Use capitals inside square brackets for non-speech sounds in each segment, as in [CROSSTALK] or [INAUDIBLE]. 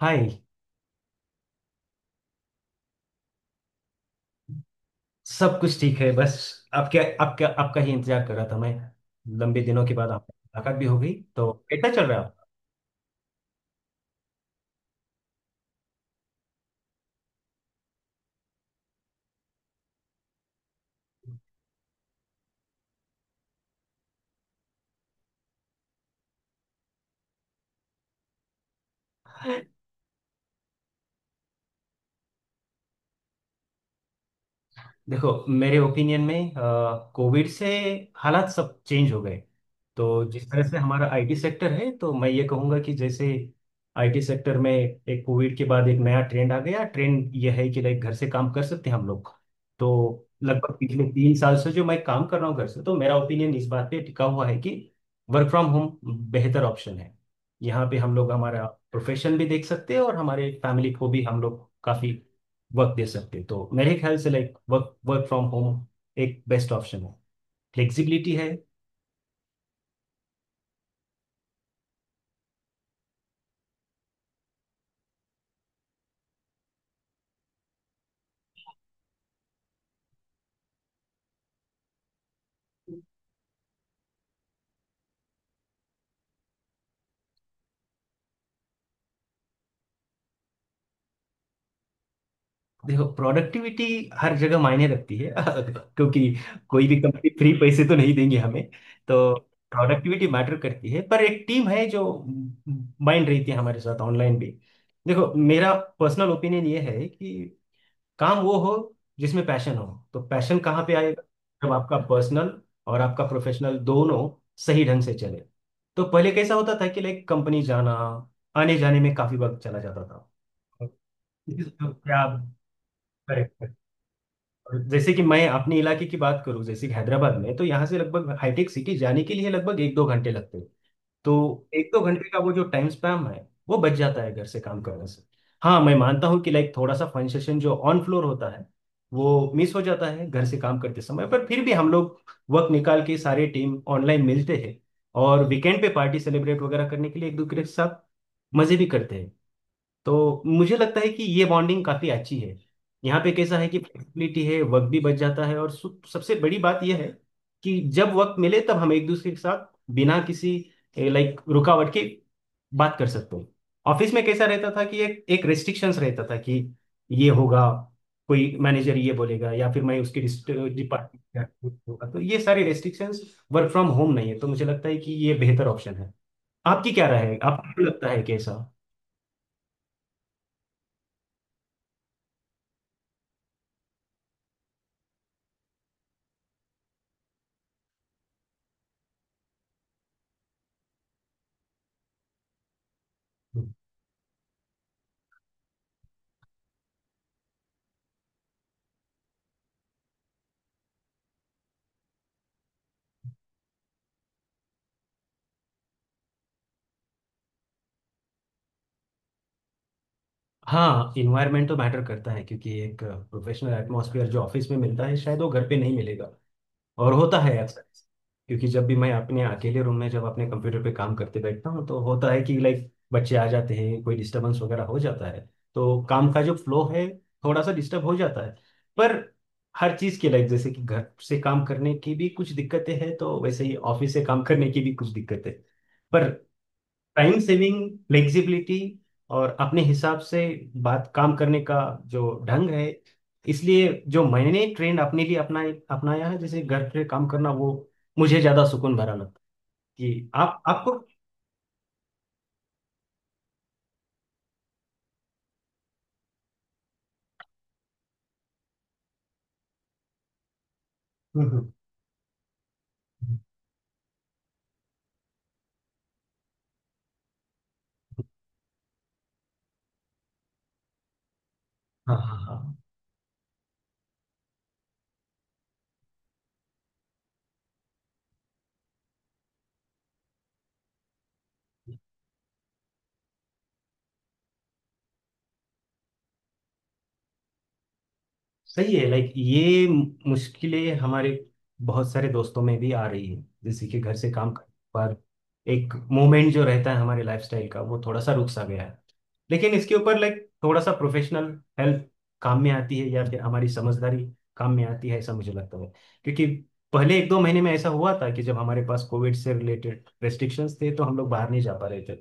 हाय। सब कुछ ठीक है बस आपके आपके आपका ही इंतजार कर रहा था मैं। लंबे दिनों के बाद आप मुलाकात भी हो गई, तो कैसा चल रहा है? आप। देखो मेरे ओपिनियन में कोविड से हालात सब चेंज हो गए। तो जिस तरह से हमारा आईटी सेक्टर है, तो मैं ये कहूँगा कि जैसे आईटी सेक्टर में एक कोविड के बाद एक नया ट्रेंड आ गया। ट्रेंड ये है कि लाइक घर से काम कर सकते हैं हम लोग। तो लगभग पिछले 3 साल से जो मैं काम कर रहा हूँ घर से, तो मेरा ओपिनियन इस बात पे टिका हुआ है कि वर्क फ्रॉम होम बेहतर ऑप्शन है। यहाँ पे हम लोग हमारा प्रोफेशन भी देख सकते हैं और हमारे फैमिली को भी हम लोग काफी वर्क दे सकते हो। तो मेरे ख्याल से like work work from home एक बेस्ट ऑप्शन है। फ्लेक्सिबिलिटी है। देखो प्रोडक्टिविटी हर जगह मायने रखती है [LAUGHS] क्योंकि कोई भी कंपनी फ्री पैसे तो नहीं देंगे हमें। तो प्रोडक्टिविटी मैटर करती है, पर एक टीम है जो माइंड रहती है हमारे साथ ऑनलाइन भी। देखो मेरा पर्सनल ओपिनियन ये है कि काम वो हो जिसमें पैशन हो। तो पैशन कहाँ पे आएगा? जब आपका पर्सनल और आपका प्रोफेशनल दोनों सही ढंग से चले। तो पहले कैसा होता था कि लाइक कंपनी जाना, आने जाने में काफी वक्त चला जाता था। तो क्या? करेक्ट। जैसे कि मैं अपने इलाके की बात करूं, जैसे कि हैदराबाद में, तो यहाँ से लगभग हाईटेक सिटी जाने के लिए लगभग एक दो घंटे लगते। तो एक दो घंटे का वो जो टाइम स्पैम है, वो बच जाता है घर से काम करने से। हाँ, मैं मानता हूँ कि लाइक थोड़ा सा फन सेशन जो ऑन फ्लोर होता है, वो मिस हो जाता है घर से काम करते समय, पर फिर भी हम लोग वक्त निकाल के सारे टीम ऑनलाइन मिलते हैं। और वीकेंड पे पार्टी सेलिब्रेट वगैरह करने के लिए एक दूसरे के साथ मजे भी करते हैं। तो मुझे लगता है कि ये बॉन्डिंग काफी अच्छी है। यहाँ पे कैसा है कि फ्लेक्सिबिलिटी है, वक्त भी बच जाता है, और सबसे बड़ी बात यह है कि जब वक्त मिले तब हम एक दूसरे के साथ बिना किसी लाइक रुकावट की बात कर सकते हो। ऑफिस में कैसा रहता था कि एक एक रेस्ट्रिक्शंस रहता था कि ये होगा, कोई मैनेजर ये बोलेगा, या फिर मैं उसके डिपार्टमेंट होगा, तो ये सारी रेस्ट्रिक्शंस वर्क फ्रॉम होम नहीं है, तो मुझे लगता है कि ये बेहतर ऑप्शन है। आपकी क्या राय है? आपको लगता है कैसा? हाँ, इन्वायरमेंट तो मैटर करता है, क्योंकि एक प्रोफेशनल एटमॉस्फेयर जो ऑफिस में मिलता है शायद वो घर पे नहीं मिलेगा, और होता है अक्सर। क्योंकि जब भी मैं अपने अकेले रूम में जब अपने कंप्यूटर पे काम करते बैठता हूँ, तो होता है कि लाइक बच्चे आ जाते हैं, कोई डिस्टरबेंस वगैरह हो जाता है। तो काम का जो फ्लो है, थोड़ा सा डिस्टर्ब हो जाता है। पर हर चीज़ के लाइक जैसे कि घर से काम करने की भी कुछ दिक्कतें हैं, तो वैसे ही ऑफिस से काम करने की भी कुछ दिक्कतें। पर टाइम सेविंग, फ्लेक्सिबिलिटी, और अपने हिसाब से बात, काम करने का जो ढंग है, इसलिए जो मैंने ट्रेंड अपने लिए अपना अपनाया है, जैसे घर पे काम करना, वो मुझे ज्यादा सुकून भरा लगता है कि आप आपको। हम्म। हम्म। हाँ हाँ हाँ। सही है लाइक ये मुश्किलें हमारे बहुत सारे दोस्तों में भी आ रही है, जैसे कि घर से काम करने पर एक मोमेंट जो रहता है हमारे लाइफस्टाइल का, वो थोड़ा सा रुक सा गया है। लेकिन इसके ऊपर लाइक थोड़ा सा प्रोफेशनल हेल्प काम में आती है, या फिर हमारी समझदारी काम में आती है, ऐसा मुझे लगता है। क्योंकि पहले एक दो महीने में ऐसा हुआ था कि जब हमारे पास कोविड से रिलेटेड रेस्ट्रिक्शंस थे, तो हम लोग बाहर नहीं जा पा रहे थे।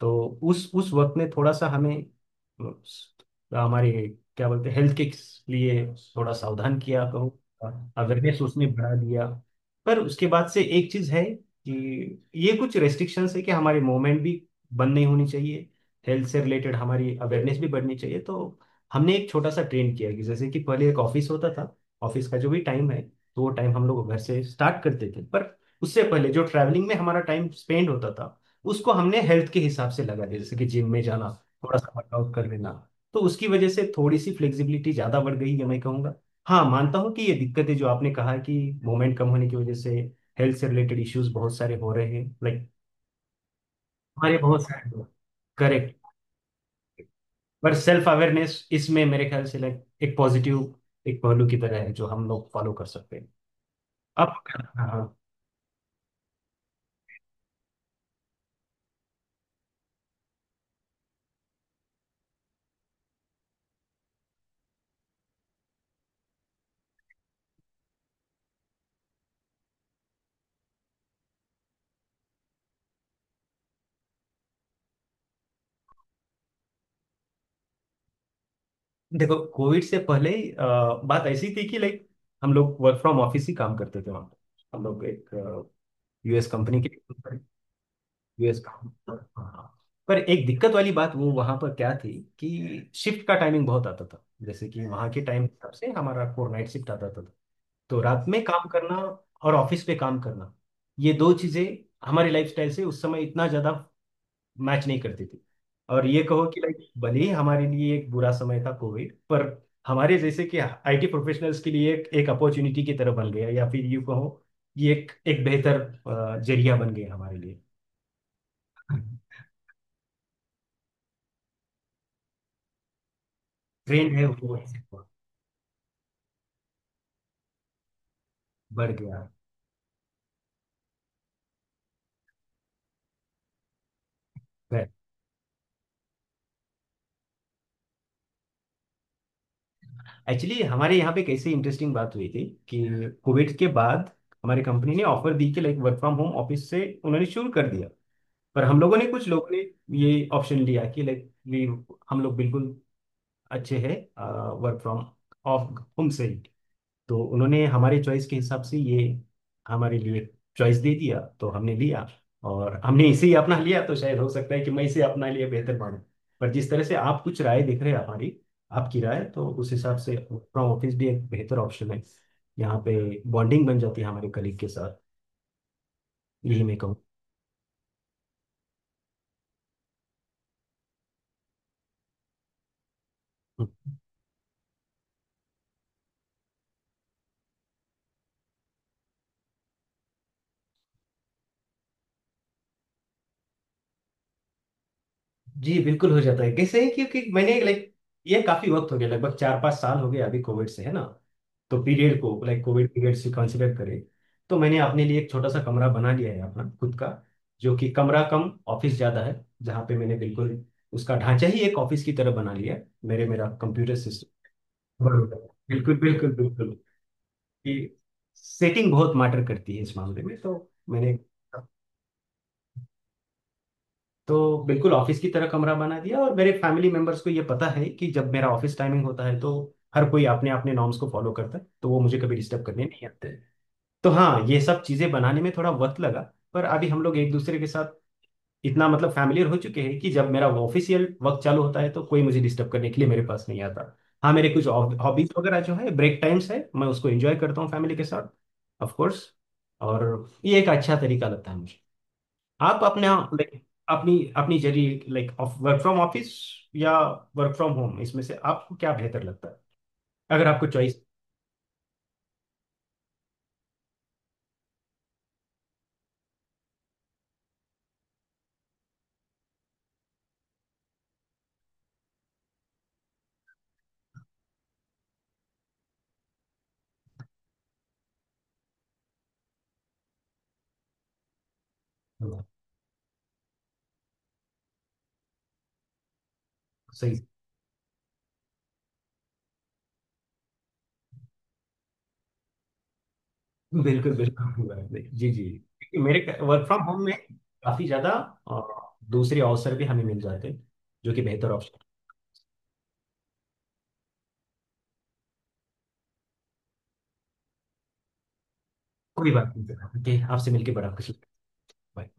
तो उस वक्त में थोड़ा सा हमें हमारे क्या बोलते हैं हेल्थ के लिए थोड़ा सावधान किया करो, अवेयरनेस उसने बढ़ा दिया। पर उसके बाद से एक चीज है कि ये कुछ रेस्ट्रिक्शंस है कि हमारे मूवमेंट भी बंद नहीं होनी चाहिए, हेल्थ से रिलेटेड हमारी अवेयरनेस भी बढ़नी चाहिए। तो हमने एक छोटा सा ट्रेंड किया कि जैसे कि पहले एक ऑफिस होता था, ऑफिस का जो भी टाइम है, तो वो टाइम हम लोग घर से स्टार्ट करते थे, पर उससे पहले जो ट्रैवलिंग में हमारा टाइम स्पेंड होता था, उसको हमने हेल्थ के हिसाब से लगा दिया, जैसे कि जिम में जाना, थोड़ा सा वर्कआउट कर लेना। तो उसकी वजह से थोड़ी सी फ्लेक्सिबिलिटी ज्यादा बढ़ गई है, मैं कहूंगा। हाँ, मानता हूँ कि ये दिक्कत है जो आपने कहा कि मोमेंट कम होने की वजह से हेल्थ से रिलेटेड इश्यूज बहुत सारे हो रहे हैं, लाइक हमारे बहुत सारे लोग। करेक्ट। पर सेल्फ अवेयरनेस इसमें मेरे ख्याल से लाइक एक पॉजिटिव एक पहलू की तरह है जो हम लोग फॉलो कर सकते हैं। अब हाँ हाँ। देखो कोविड से पहले ही, बात ऐसी थी कि लाइक हम लोग वर्क फ्रॉम ऑफिस ही काम करते थे वहाँ पे। हम लोग एक यूएस कंपनी के। यूएस। हाँ। पर एक दिक्कत वाली बात वो वहां पर क्या थी कि शिफ्ट का टाइमिंग बहुत आता था, जैसे कि वहां के टाइम हिसाब से हमारा फोर नाइट शिफ्ट आता था। तो रात में काम करना और ऑफिस पे काम करना, ये दो चीजें हमारी लाइफस्टाइल से उस समय इतना ज्यादा मैच नहीं करती थी। और ये कहो कि लाइक भले ही हमारे लिए एक बुरा समय था कोविड, पर हमारे जैसे कि आईटी प्रोफेशनल्स के लिए एक एक अपॉर्चुनिटी की तरह बन गया, या फिर यूं कहो ये एक एक बेहतर जरिया बन गया हमारे लिए। ट्रेंड है वो बढ़ गया। एक्चुअली हमारे यहाँ पे कैसे इंटरेस्टिंग बात हुई थी कि कोविड के बाद हमारी कंपनी ने ऑफर दी कि like work from home office से उन्होंने शुरू कर दिया। पर हम लोगों ने, कुछ लोगों ने ये ऑप्शन लिया कि लाइक वी, हम लोग बिल्कुल अच्छे हैं वर्क फ्रॉम ऑफ होम से ही। तो उन्होंने हमारे चॉइस के हिसाब से ये हमारे लिए चॉइस दे दिया, तो हमने लिया। और हमने इसे ही अपना लिया, तो शायद हो सकता है कि मैं इसे अपना लिए बेहतर मानूं। पर जिस तरह से आप कुछ राय देख रहे हैं, हमारी आपकी राय तो उस हिसाब से वर्क फ्रॉम ऑफिस भी एक बेहतर ऑप्शन है। यहाँ पे बॉन्डिंग बन जाती है हमारे कलीग के साथ। यही मैं कहूँ। जी बिल्कुल हो जाता है, कैसे है क्योंकि मैंने लाइक ये काफी वक्त हो गया, लगभग चार पांच साल हो गए अभी कोविड से, है ना? तो पीरियड को लाइक कोविड पीरियड से कंसिडर करें, तो मैंने अपने लिए एक छोटा सा कमरा बना लिया है अपना खुद का, जो कि कमरा कम ऑफिस ज्यादा है, जहाँ पे मैंने बिल्कुल उसका ढांचा ही एक ऑफिस की तरह बना लिया है। मेरे मेरा कंप्यूटर सिस्टम बिल्कुल बिल्कुल बिल्कुल। कि सेटिंग बहुत मैटर करती है इस मामले में। तो मैंने तो बिल्कुल ऑफिस की तरह कमरा बना दिया, और मेरे फैमिली मेंबर्स को ये पता है कि जब मेरा ऑफिस टाइमिंग होता है, तो हर कोई अपने अपने नॉर्म्स को फॉलो करता है, तो वो मुझे कभी डिस्टर्ब करने नहीं आते। तो हाँ, ये सब चीजें बनाने में थोड़ा वक्त लगा। पर अभी हम लोग एक दूसरे के साथ इतना मतलब फैमिलियर हो चुके हैं कि जब मेरा ऑफिशियल वक्त चालू होता है, तो कोई मुझे डिस्टर्ब करने के लिए मेरे पास नहीं आता। हाँ, मेरे कुछ हॉबीज वगैरह जो है, ब्रेक टाइम्स है, मैं उसको एंजॉय करता हूँ फैमिली के साथ, ऑफ कोर्स। और ये एक अच्छा तरीका लगता है मुझे। आप अपने लाइक अपनी अपनी जरिए like of work from office या वर्क फ्रॉम होम, इसमें से आपको क्या बेहतर लगता है, अगर आपको चॉइस? सही। बिल्कुल बिल्कुल। जी जी, क्योंकि मेरे वर्क फ्रॉम होम में काफी ज्यादा अ, दूसरे अवसर भी हमें मिल जाते हैं, जो कि बेहतर ऑप्शन। कोई बात नहीं सर। ठीक, आपसे मिलके बड़ा खुश लगा। Bye।